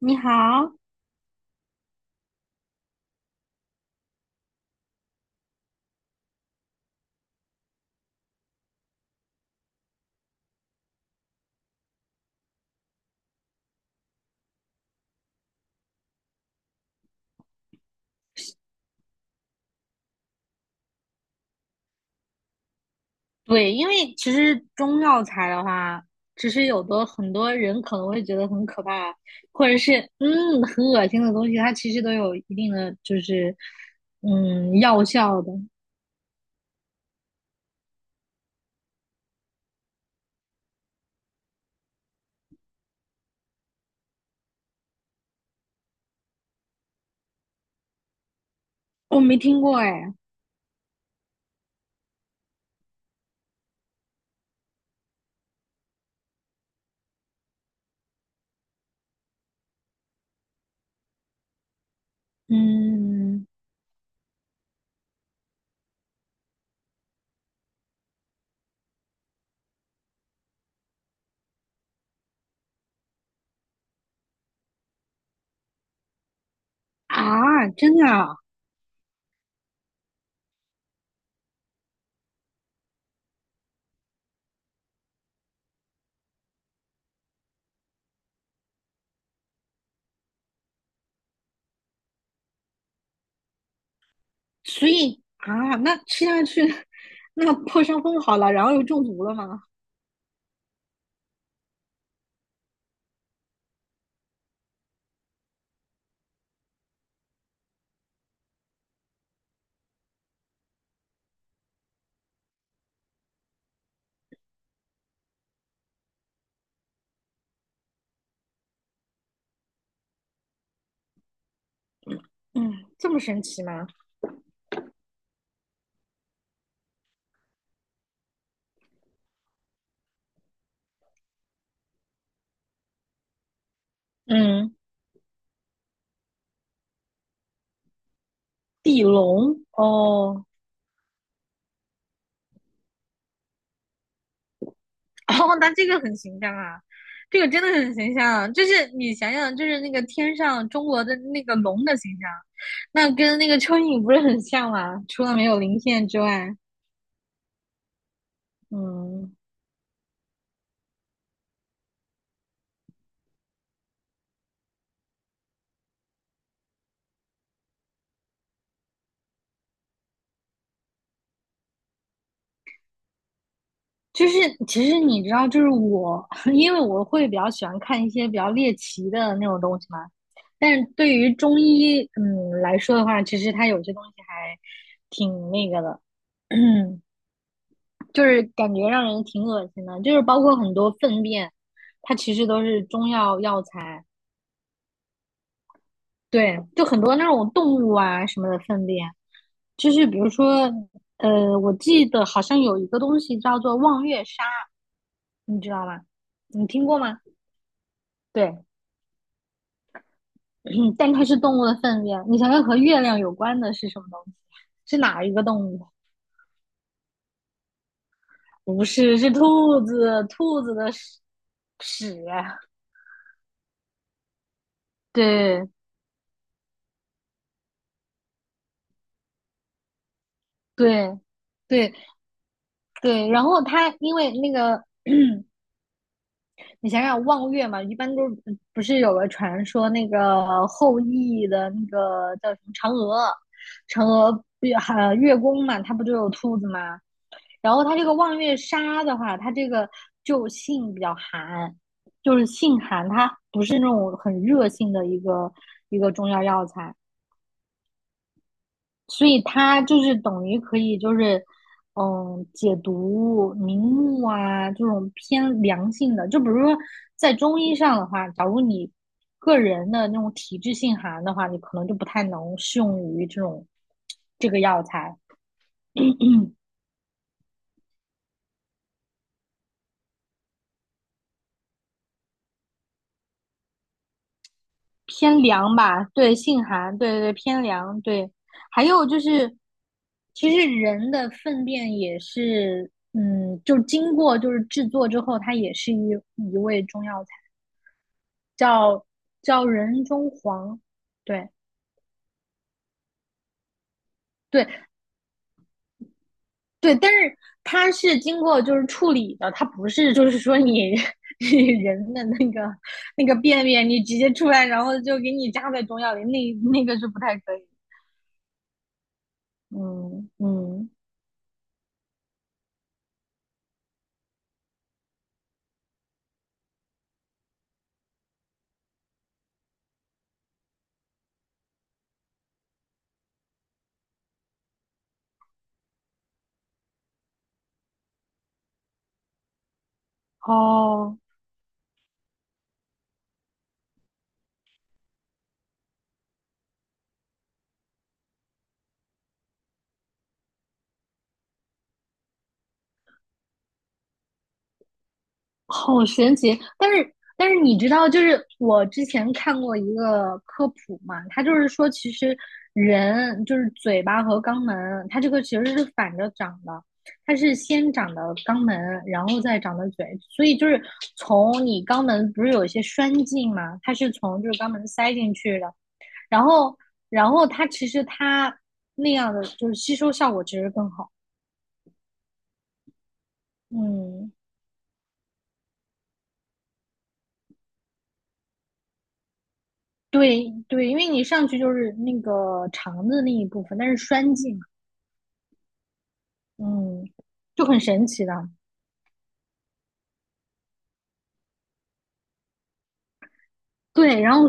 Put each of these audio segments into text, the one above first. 你好。对，因为其实中药材的话，其实有的很多人可能会觉得很可怕，或者是很恶心的东西，它其实都有一定的就是药效的。我没听过哎。嗯啊，真的啊。所以啊，那吃下去 那个破伤风好了，然后又中毒了吗？嗯，这么神奇吗？嗯，地龙哦。哦，那这个很形象啊，这个真的很形象啊。就是你想想，就是那个天上中国的那个龙的形象，那跟那个蚯蚓不是很像吗？除了没有鳞片之外，嗯，就是其实你知道，就是我，因为我会比较喜欢看一些比较猎奇的那种东西嘛。但是对于中医，来说的话，其实它有些东西还挺那个的。就是感觉让人挺恶心的，就是包括很多粪便，它其实都是中药药材。对，就很多那种动物啊什么的粪便，就是比如说，我记得好像有一个东西叫做望月沙，你知道吗？你听过吗？对，嗯但它是动物的粪便，你想想和月亮有关的是什么东西？是哪一个动物？不是，是兔子，兔子的屎，屎。对对对，对，然后他因为那个，你想想望月嘛，一般都不是有个传说，那个后羿的那个叫什么嫦娥，嫦娥月还月宫嘛，它不就有兔子嘛？然后它这个望月杀的话，它这个就性比较寒，就是性寒，它不是那种很热性的一个中药药材，所以它就是等于可以，就是嗯，解毒明目啊，这种偏凉性的。就比如说在中医上的话，假如你个人的那种体质性寒的话，你可能就不太能适用于这种这个药材。嗯，偏凉吧，对，性寒，对对对，偏凉，对。还有就是，其实人的粪便也是，嗯，就经过就是制作之后，它也是一味中药材。叫人中黄，对对对，但是它是经过就是处理的，它不是就是说你 你人的那个便便你直接出来，然后就给你加在中药里，那那个是不太可以。嗯嗯，哦好神奇！但是但是你知道，就是我之前看过一个科普嘛，它就是说，其实人就是嘴巴和肛门，它这个其实是反着长的，它是先长的肛门，然后再长的嘴，所以就是从你肛门不是有一些栓进嘛，它是从就是肛门塞进去的，然后它其实它那样的就是吸收效果其实更好，嗯。对对，因为你上去就是那个肠子那一部分，但是栓剂嘛，嗯，就很神奇的。对，然后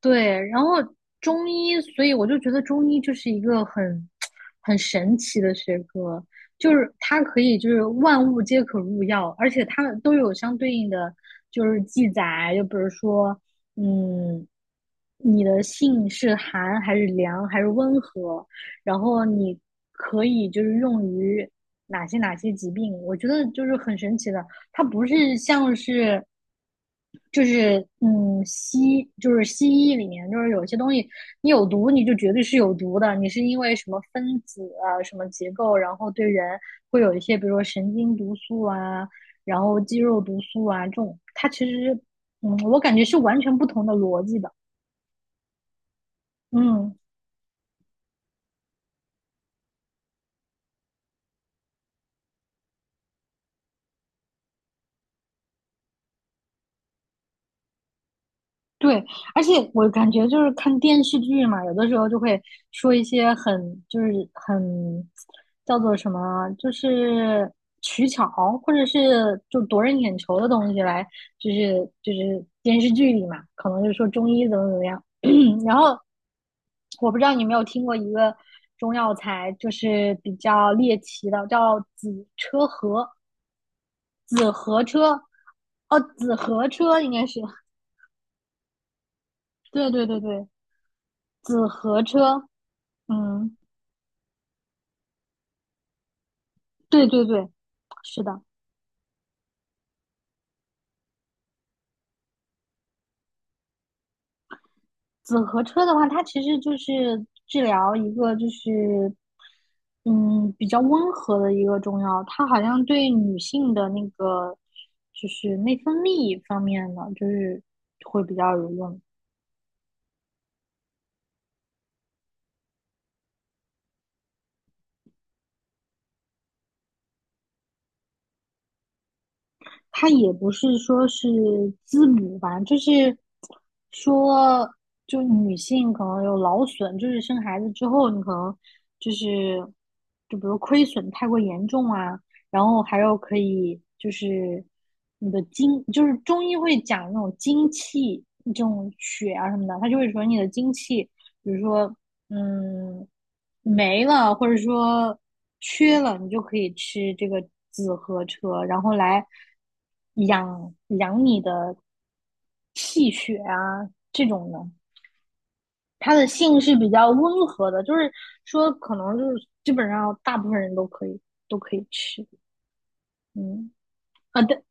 对，然后中医，所以我就觉得中医就是一个很神奇的学科，就是它可以就是万物皆可入药，而且它们都有相对应的就是记载，就比如说，嗯，你的性是寒还是凉还是温和，然后你可以就是用于哪些疾病，我觉得就是很神奇的。它不是像是，就是嗯西就是西医里面就是有些东西你有毒你就绝对是有毒的，你是因为什么分子啊什么结构，然后对人会有一些比如说神经毒素啊，然后肌肉毒素啊这种，它其实我感觉是完全不同的逻辑的，嗯。对，而且我感觉就是看电视剧嘛，有的时候就会说一些很就是很叫做什么啊，就是取巧或者是就夺人眼球的东西来，就是电视剧里嘛，可能就说中医怎么怎么样。然后我不知道你有没有听过一个中药材，就是比较猎奇的，叫紫车河，紫河车。哦，紫河车应该是，对对对对，紫河车。嗯，对对对，是的。紫河车的话，它其实就是治疗一个就是，嗯，比较温和的一个中药，它好像对女性的那个就是内分泌方面的，就是会比较有用。他也不是说是滋补吧，就是说，就女性可能有劳损，就是生孩子之后，你可能就是就比如亏损太过严重啊，然后还有可以就是你的精，就是中医会讲那种精气这种血啊什么的，他就会说你的精气比如说，嗯，没了，或者说缺了，你就可以吃这个紫河车，然后来养养你的气血啊，这种的。它的性是比较温和的，就是说可能就是基本上大部分人都可以吃。嗯啊，对，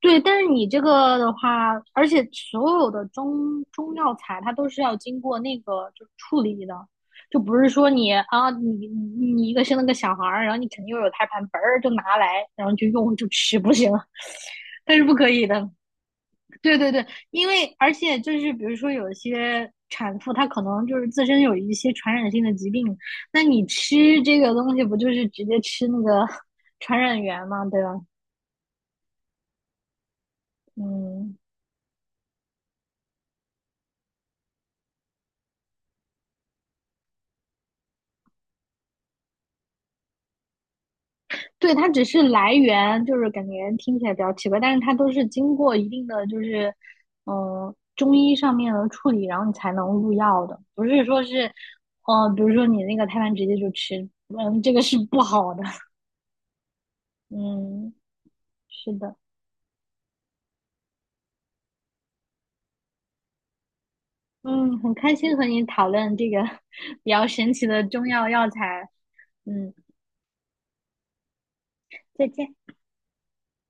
对，但是你这个的话，而且所有的中药材它都是要经过那个就处理的，就不是说你啊，你一个生了个小孩儿，然后你肯定又有胎盘，嘣儿就拿来，然后就用就吃，不行，它是不可以的。对对对，因为而且就是比如说有些产妇她可能就是自身有一些传染性的疾病，那你吃这个东西不就是直接吃那个 传染源嘛，对吧？嗯。对，它只是来源，就是感觉听起来比较奇怪，但是它都是经过一定的就是，中医上面的处理，然后你才能入药的，不是说是，比如说你那个胎盘直接就吃，嗯，这个是不好的，嗯，是的，嗯，很开心和你讨论这个 比较神奇的中药药材，嗯，再见。